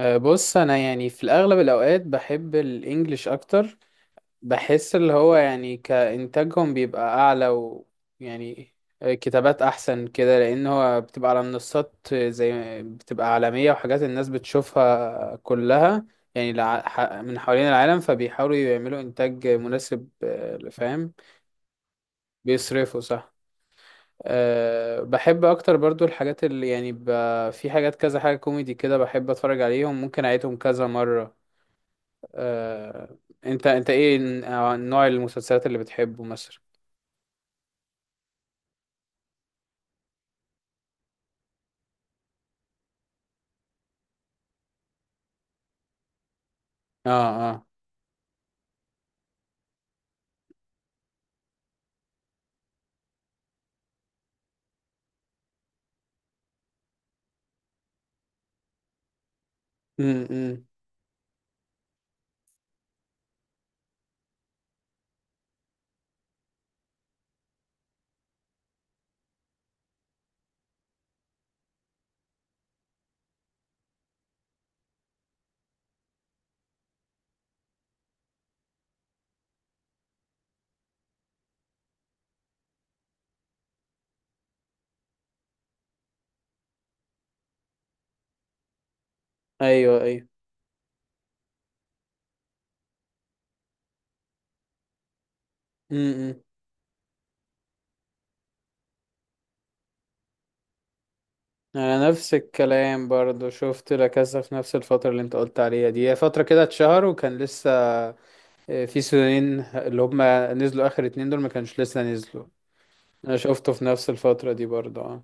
بص انا يعني في الاغلب الاوقات بحب الانجليش اكتر. بحس اللي هو يعني كانتاجهم بيبقى اعلى، ويعني كتابات احسن كده، لان هو بتبقى على منصات زي بتبقى عالمية، وحاجات الناس بتشوفها كلها، يعني من حوالين العالم، فبيحاولوا يعملوا انتاج مناسب. فاهم. بيصرفوا صح. بحب اكتر برضو الحاجات اللي يعني في حاجات كذا، حاجة كوميدي كده بحب اتفرج عليهم، ممكن اعيدهم كذا مرة. آه، انت ايه نوع المسلسلات اللي بتحبه مثلا؟ اه، اه. امم. ايوه، ايوه. امم. انا نفس الكلام، برضو شفت لا كاسا في نفس الفتره اللي انت قلت عليها دي، هي فتره كده اتشهر، وكان لسه في سيزونين اللي هما نزلوا اخر اتنين دول، ما كانش لسه نزلوا. انا شفته في نفس الفتره دي برضو، اه.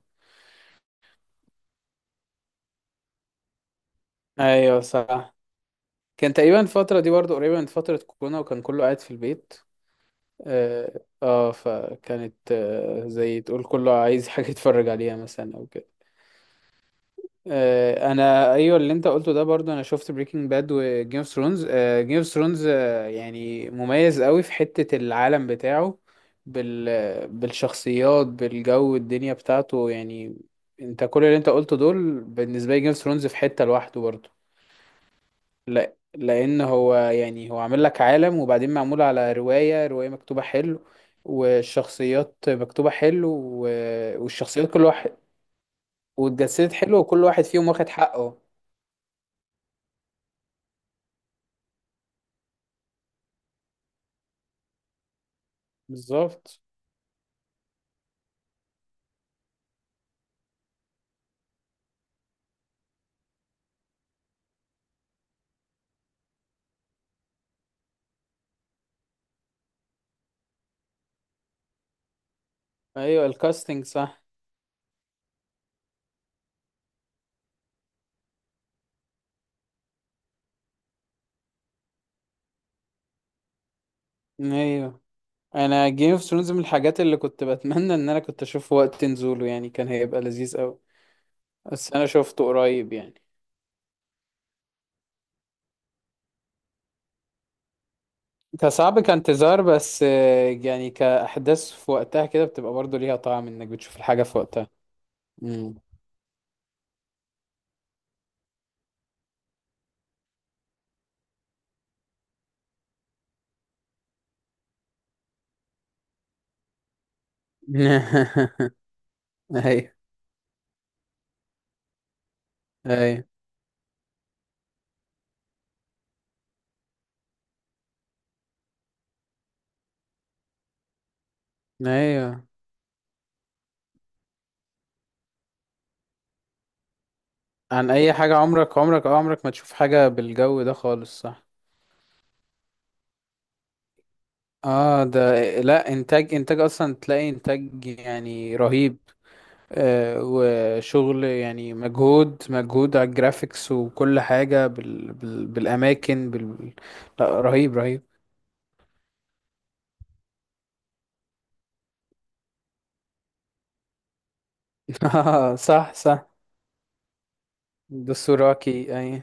ايوه صح. كان تقريبا الفتره دي برضو قريبه من فتره كورونا، وكان كله قاعد في البيت. اه، فكانت زي تقول كله عايز حاجة يتفرج عليها مثلا او كده. انا ايوه، اللي انت قلته ده برضو، انا شفت بريكنج باد وجيم اوف ثرونز. جيم اوف ثرونز، يعني مميز قوي في حتة العالم بتاعه، بالشخصيات، بالجو، الدنيا بتاعته يعني. انت كل اللي انت قلته دول، بالنسبة لي جيم اوف ثرونز في حتة لوحده برضو. لا لان هو يعني هو عامل لك عالم، وبعدين معمول على رواية مكتوبة حلو، والشخصيات مكتوبة حلو، والشخصيات كل واحد، واتجسدت حلو، وكل واحد فيهم واخد حقه. بالظبط. ايوه الكاستنج صح. ايوه. انا جيم اوف ثرونز من الحاجات اللي كنت بتمنى ان انا كنت اشوفه وقت نزوله، يعني كان هيبقى لذيذ قوي، بس انا شفته قريب يعني. كصعب كانتظار بس، يعني كأحداث في وقتها كده بتبقى برضه ليها طعم انك بتشوف الحاجة في وقتها. ايوه، ايوه. ايوه، عن اي حاجه، عمرك ما تشوف حاجه بالجو ده خالص، صح. اه ده، لا، انتاج، اصلا تلاقي انتاج يعني رهيب. وشغل يعني مجهود، على الجرافيكس، وكل حاجه بالاماكن، لا رهيب، رهيب. آه صح، صح. دستوراكي اي.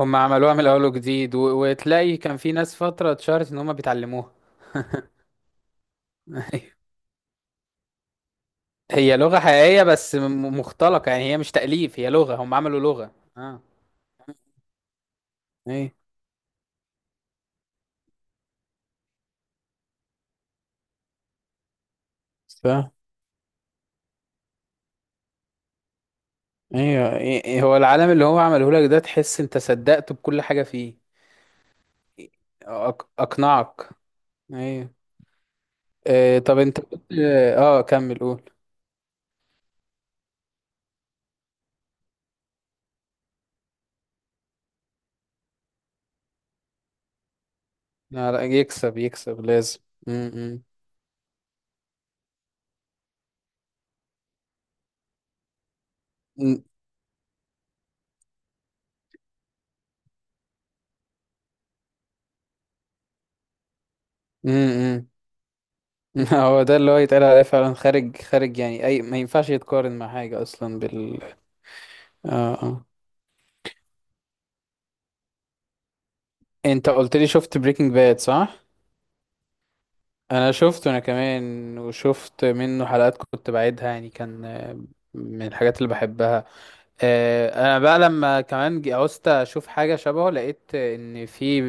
هم عملوها من الاول وجديد، وتلاقي كان في ناس فتره اتشهرت ان هم بيتعلموها. هي لغة حقيقية، بس مختلقة، يعني هي مش تأليف، هي لغة، هم عملوا لغة. اه. ايه. ف ايوه، إيه إيه، هو العالم اللي هو عمله لك ده تحس انت صدقته بكل حاجة فيه. اقنعك. ايوه. إيه طب انت كنت، اه كمل قول. لا، لا يكسب، يكسب لازم. امم. امم. هو ده اللي هو يتقال عليه فعلا خارج، خارج، يعني اي ما ينفعش يتقارن مع حاجة اصلا اه اه. انت قلت لي شفت بريكنج باد، صح. انا شفته انا كمان، وشفت منه حلقات كنت بعيدها، يعني كان من الحاجات اللي بحبها. انا بقى لما كمان عوزت اشوف حاجه شبهه، لقيت ان في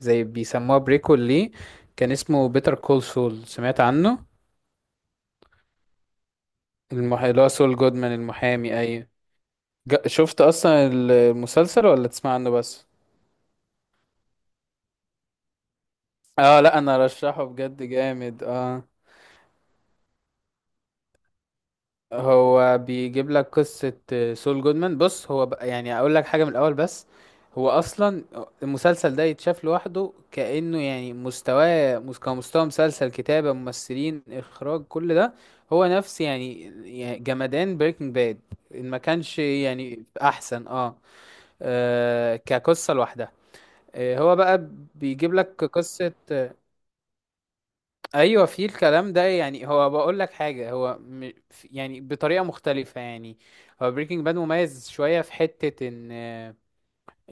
زي بيسموها بريكول ليه، كان اسمه بيتر كول سول، سمعت عنه؟ اللي هو سول جودمان المحامي، اي. شفت اصلا المسلسل ولا تسمع عنه بس؟ اه، لا انا رشحه بجد جامد، اه. هو بيجيب لك قصة. سول جودمان، بص، هو بقى يعني اقول لك حاجة من الاول بس، هو اصلا المسلسل ده يتشاف لوحده، كأنه يعني مستواه كمستوى مسلسل، كتابة، ممثلين، اخراج، كل ده هو نفس يعني، يعني جمدان بريكنج باد، ان ما كانش يعني احسن، كقصة لوحدها. هو بقى بيجيب لك قصة. ايوه في الكلام ده، يعني هو بقول لك حاجه، هو يعني بطريقه مختلفه يعني. هو بريكنج باد مميز شويه في حته ان،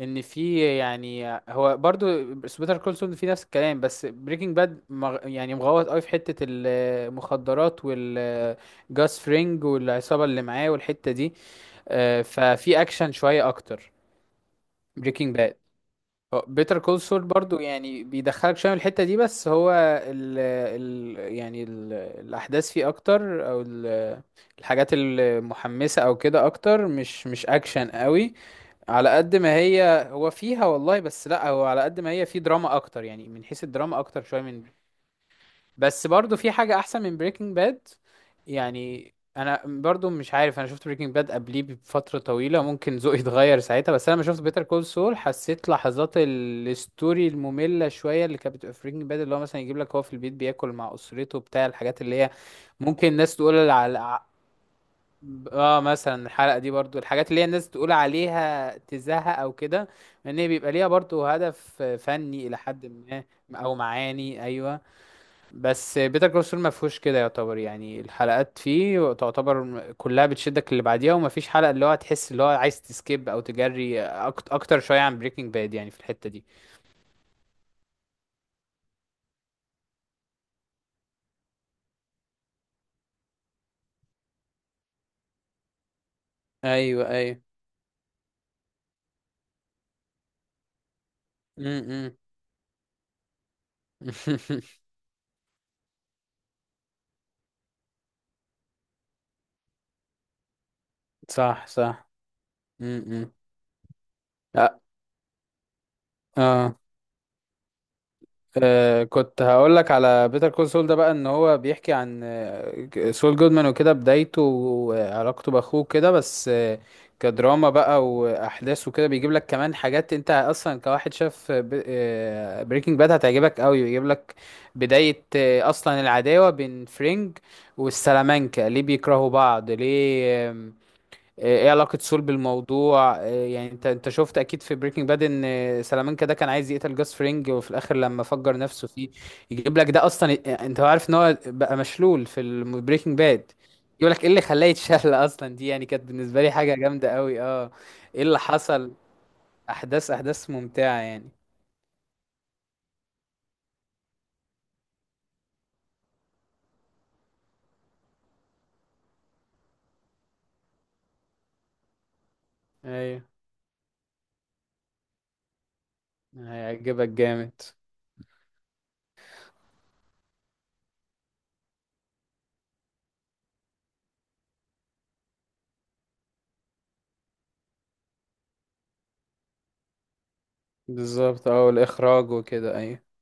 في يعني هو برضو بيتر كول سول في نفس الكلام، بس بريكنج باد يعني مغوط قوي في حته المخدرات والجاس فرينج والعصابه اللي معاه والحته دي. ففي اكشن شويه اكتر بريكنج باد. بيتر كول سول برضو يعني بيدخلك شويه من الحته دي، بس هو ال ال يعني ال الاحداث فيه اكتر، او الحاجات المحمسه او كده اكتر، مش اكشن قوي على قد ما هي فيها والله، بس لا هو على قد ما هي فيه دراما اكتر، يعني من حيث الدراما اكتر شويه من، بس برضو في حاجة أحسن من بريكنج باد، يعني أنا برضو مش عارف، أنا شفت بريكنج باد قبليه بفترة طويلة، ممكن ذوقي اتغير ساعتها، بس أنا لما شفت بيتر كول سول حسيت لحظات الستوري المملة شوية اللي كانت بتبقى في بريكنج باد، اللي هو مثلا يجيب لك هو في البيت بياكل مع أسرته بتاع، الحاجات اللي هي ممكن الناس تقول على، اه مثلا الحلقة دي برضو، الحاجات اللي هي الناس تقول عليها تزهق أو كده، لأن هي بيبقى ليها برضو هدف فني إلى حد ما، أو معاني أيوه. بس بيتر كول سول ما فيهوش كده، يعتبر يعني الحلقات فيه تعتبر كلها بتشدك اللي بعديها، وما فيش حلقة اللي هو تحس اللي هو عايز تسكيب او تجري، اكتر شوية عن بريكنج باد يعني في الحتة دي. ايوه، ايوه. امم. صح، صح. امم. اه. كنت هقول لك على بيتر كول سول ده بقى، ان هو بيحكي عن سول جودمان وكده بدايته وعلاقته باخوه كده، بس كدراما بقى واحداث وكده، بيجيب لك كمان حاجات انت اصلا كواحد شاف بريكنج باد هتعجبك قوي، بيجيب لك بداية اصلا العداوة بين فرينج والسلامانكا، ليه بيكرهوا بعض، ليه. ايه علاقة سول بالموضوع، إيه يعني انت، شفت اكيد في بريكنج باد ان سلامانكا ده كان عايز يقتل جاس فرينج، وفي الاخر لما فجر نفسه فيه، يجيب لك ده اصلا، انت عارف ان هو بقى مشلول في بريكنج باد، يقول لك ايه اللي خلاه يتشل اصلا، دي يعني كانت بالنسبة لي حاجة جامدة قوي، اه. ايه اللي حصل، احداث، احداث ممتعة يعني. ايوه هيعجبك جامد. بالظبط، اه، والاخراج وكده ايوه.